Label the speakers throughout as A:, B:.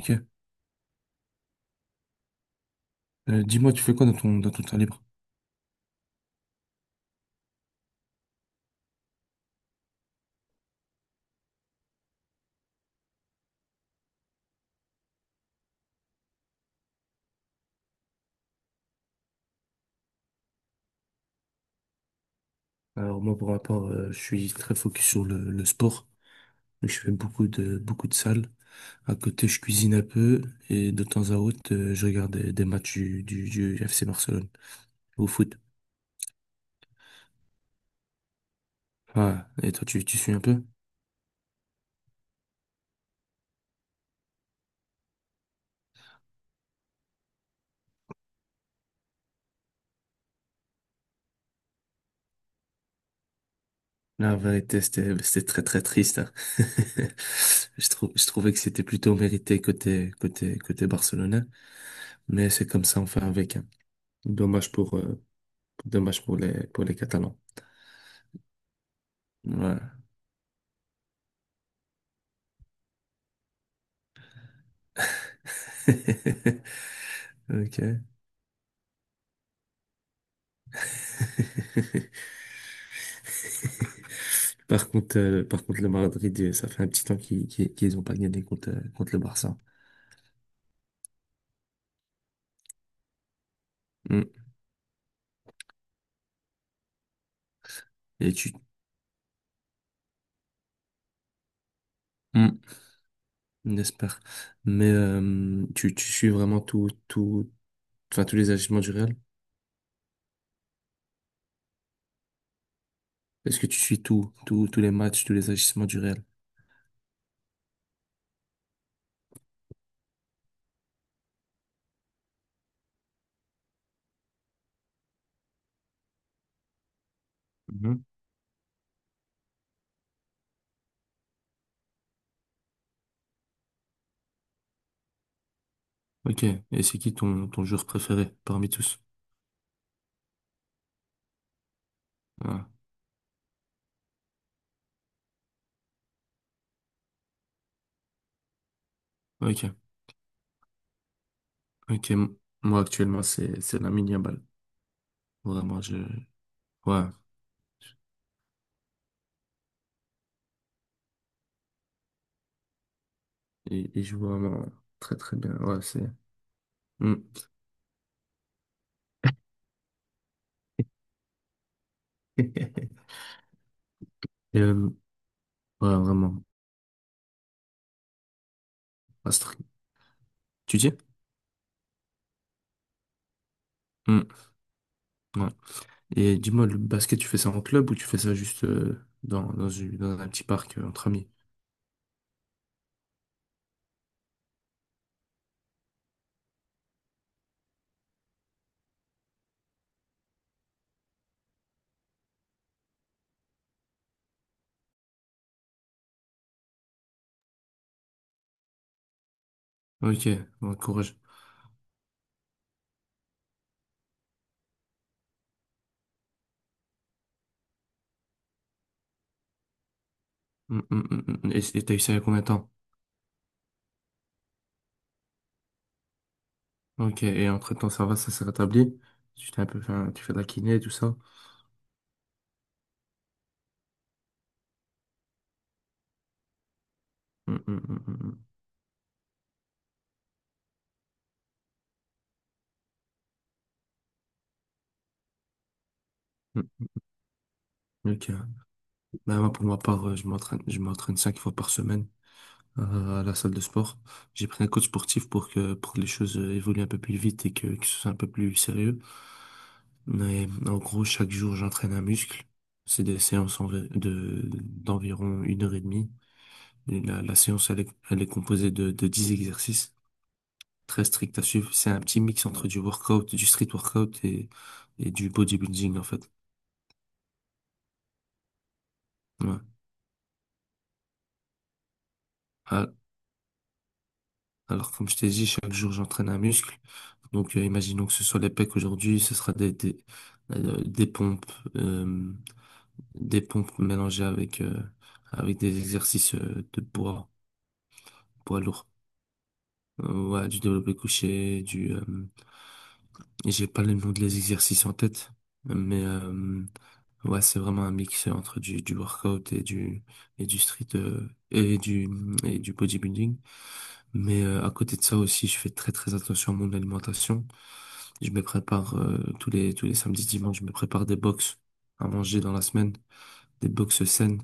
A: Ok. Dis-moi, tu fais quoi dans dans ton temps libre? Alors moi, pour ma part, je suis très focus sur le sport. Donc, je fais beaucoup beaucoup de salles. À côté, je cuisine un peu et de temps à autre, je regarde des matchs du FC Barcelone au foot. Ouais. Et toi, tu suis un peu? La vérité, c'était très très triste, hein. Je trouvais que c'était plutôt mérité côté barcelonais, mais c'est comme ça, on fait avec, hein. Dommage pour, euh, dommage pour pour les Catalans. Ouais. Ok. Par contre, le Madrid, ça fait un petit temps qu'ils ont pas gagné contre, contre le Barça. Mm. Et tu, Hmm. on Mais tu, tu suis vraiment enfin, tous les agissements du Real? Est-ce que tu suis tous les matchs, tous les agissements du Real? Mhm. Ok. Et c'est qui ton, ton joueur préféré parmi tous? Ah. Ok. Ok, m- Moi actuellement c'est la mini balle. Vraiment, je ouais, il joue vraiment très très bien. Ouais, c'est… Hmm. Et, ouais, vraiment Astrid. Tu dis? Hmm, ouais. Et dis-moi, le basket, tu fais ça en club ou tu fais ça juste dans dans un petit parc entre amis? Ok, bon courage. Hmm. Et t'as eu ça il y a combien de temps? Ok, et entre-temps ça va, ça s'est rétabli? Tu t'es un peu tu fais de la kiné tout ça? Hmm, hmm, hmm, hmm, hmm. Hmm, Ok. Ben, moi, pour ma part, je m'entraîne 5 fois par semaine à la salle de sport. J'ai pris un coach sportif pour que les choses évoluent un peu plus vite et que ce soit un peu plus sérieux. Mais en gros, chaque jour, j'entraîne un muscle. C'est des d'environ 1 h 30. Et la séance, elle est composée de 10 exercices très stricts à suivre. C'est un petit mix entre du workout, du street workout et du bodybuilding, en fait. Ouais. Ah, alors, comme je t'ai dit, chaque jour, j'entraîne un muscle. Donc, imaginons que ce soit les pecs aujourd'hui, ce sera euh, des pompes, euh, des pompes mélangées avec, avec des exercices de poids, poids lourd. Ouais, du développé couché, j'ai pas le nom de les exercices en tête, mais ouais, c'est vraiment un mix entre du workout et et du street, et du bodybuilding. Mais à côté de ça aussi, je fais très très attention à mon alimentation. Je me prépare tous les samedis, dimanches, je me prépare des box à manger dans la semaine, des box saines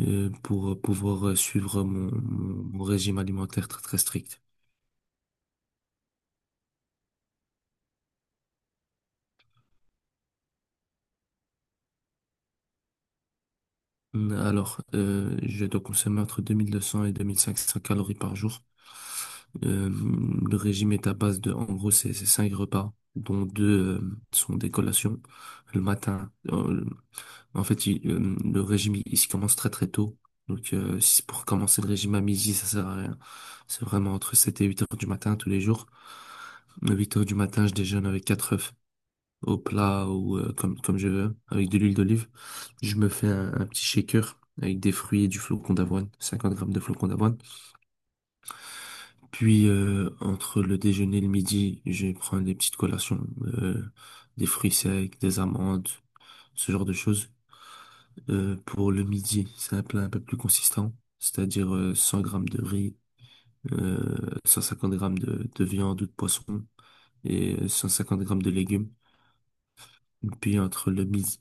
A: pour pouvoir suivre mon, mon régime alimentaire très très strict. Alors, je dois consommer entre 2200 et 2500 calories par jour. Euh, le régime est à base de, en gros, c'est 5 repas, dont deux sont des collations le matin. En fait, le régime, il se commence très très tôt. Donc, si c'est pour commencer le régime à midi, ça sert à rien. C'est vraiment entre 7 et 8 heures du matin tous les jours. À 8 heures du matin, je déjeune avec 4 œufs au plat ou comme, comme je veux, avec de l'huile d'olive. Je me fais un petit shaker avec des fruits et du flocon d'avoine, 50 grammes de flocon d'avoine. Puis, entre le déjeuner et le midi, je prends des petites collations, euh, des fruits secs, des amandes, ce genre de choses. Pour le midi, c'est un plat un peu plus consistant, c'est-à-dire 100 grammes de riz, euh, 150 grammes de viande ou de poisson et 150 grammes de légumes. Puis entre le midi,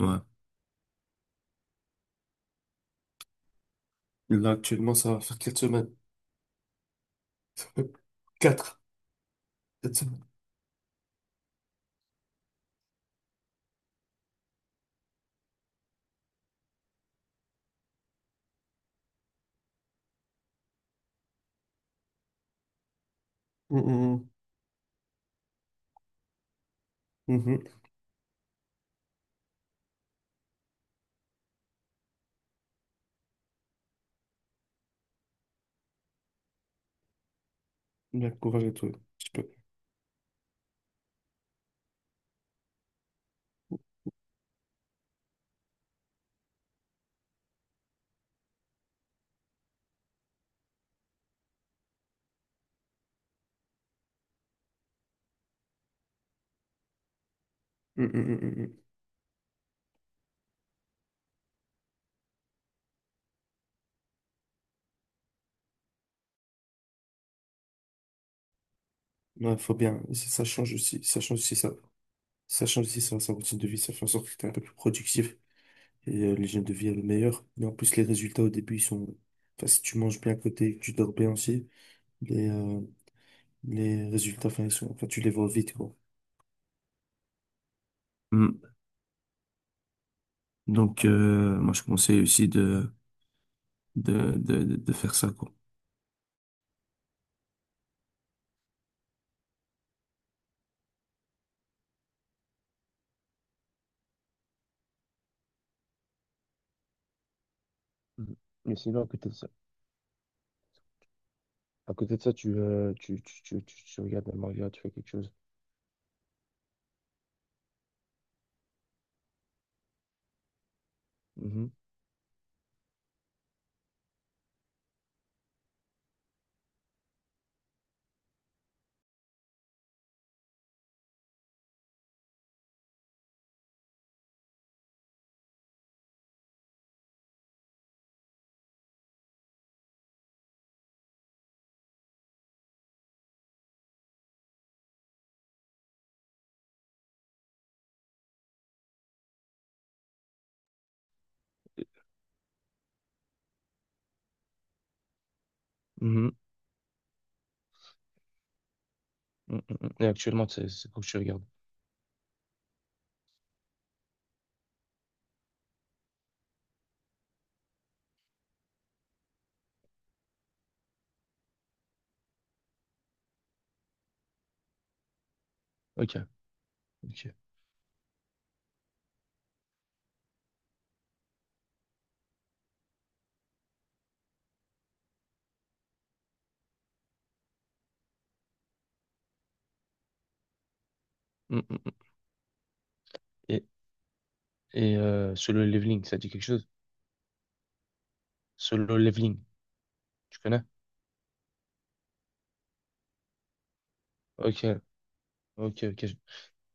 A: ouais. Là, actuellement, ça va faire 4 semaines. quatre quatre semaines. Mhm, mhm, mhm. Bien, courage à toi, tu peux peu. Mhm, mhm, mhm. Non, faut bien. Ça ça change aussi. Ça change aussi ça. Ça change aussi ça, sa routine de vie. Ça fait en sorte que t'es un peu plus productif. Et l'hygiène de vie est le meilleur. Mais en plus, les résultats au début, ils sont… enfin, si tu manges bien à côté, que tu dors bien aussi, les, euh, les résultats, enfin, ils sont… enfin, tu les vois vite, quoi. Hmm. Donc, moi, je conseille aussi de faire ça, quoi. Mhm. Mais sinon, à côté de ça, à côté de ça, tu, tu regardes un manga, tu fais quelque chose. Mhm. Et regarde. Ok. Ok. Mm, mm, mm. Et, et solo leveling, ça dit quelque chose? Solo leveling, tu connais? Ok. Ok, ok.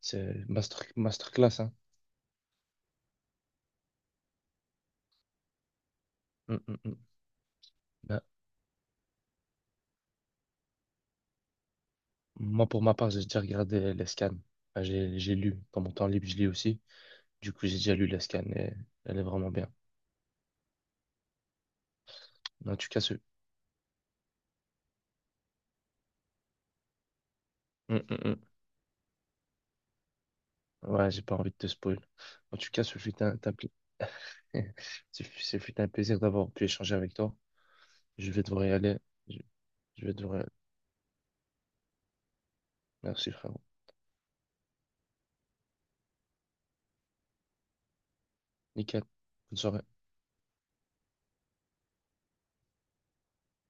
A: C'est master, masterclass, hein. Mm, mm, mm. Bah, moi, pour ma part, j'ai déjà regardé les scans. Bah, j'ai lu. Dans mon temps libre, je lis aussi. Du coup, j'ai déjà lu les scans et elle est vraiment bien. En tout cas, ce… Mm, mm, mm. Ouais, j'ai pas envie de te spoil. En tout cas, ce fut un pla- ce fut un plaisir d'avoir pu échanger avec toi. Je vais devoir y aller. Je, je vais devoir y aller. Merci, frérot. Nickel. Bonne soirée.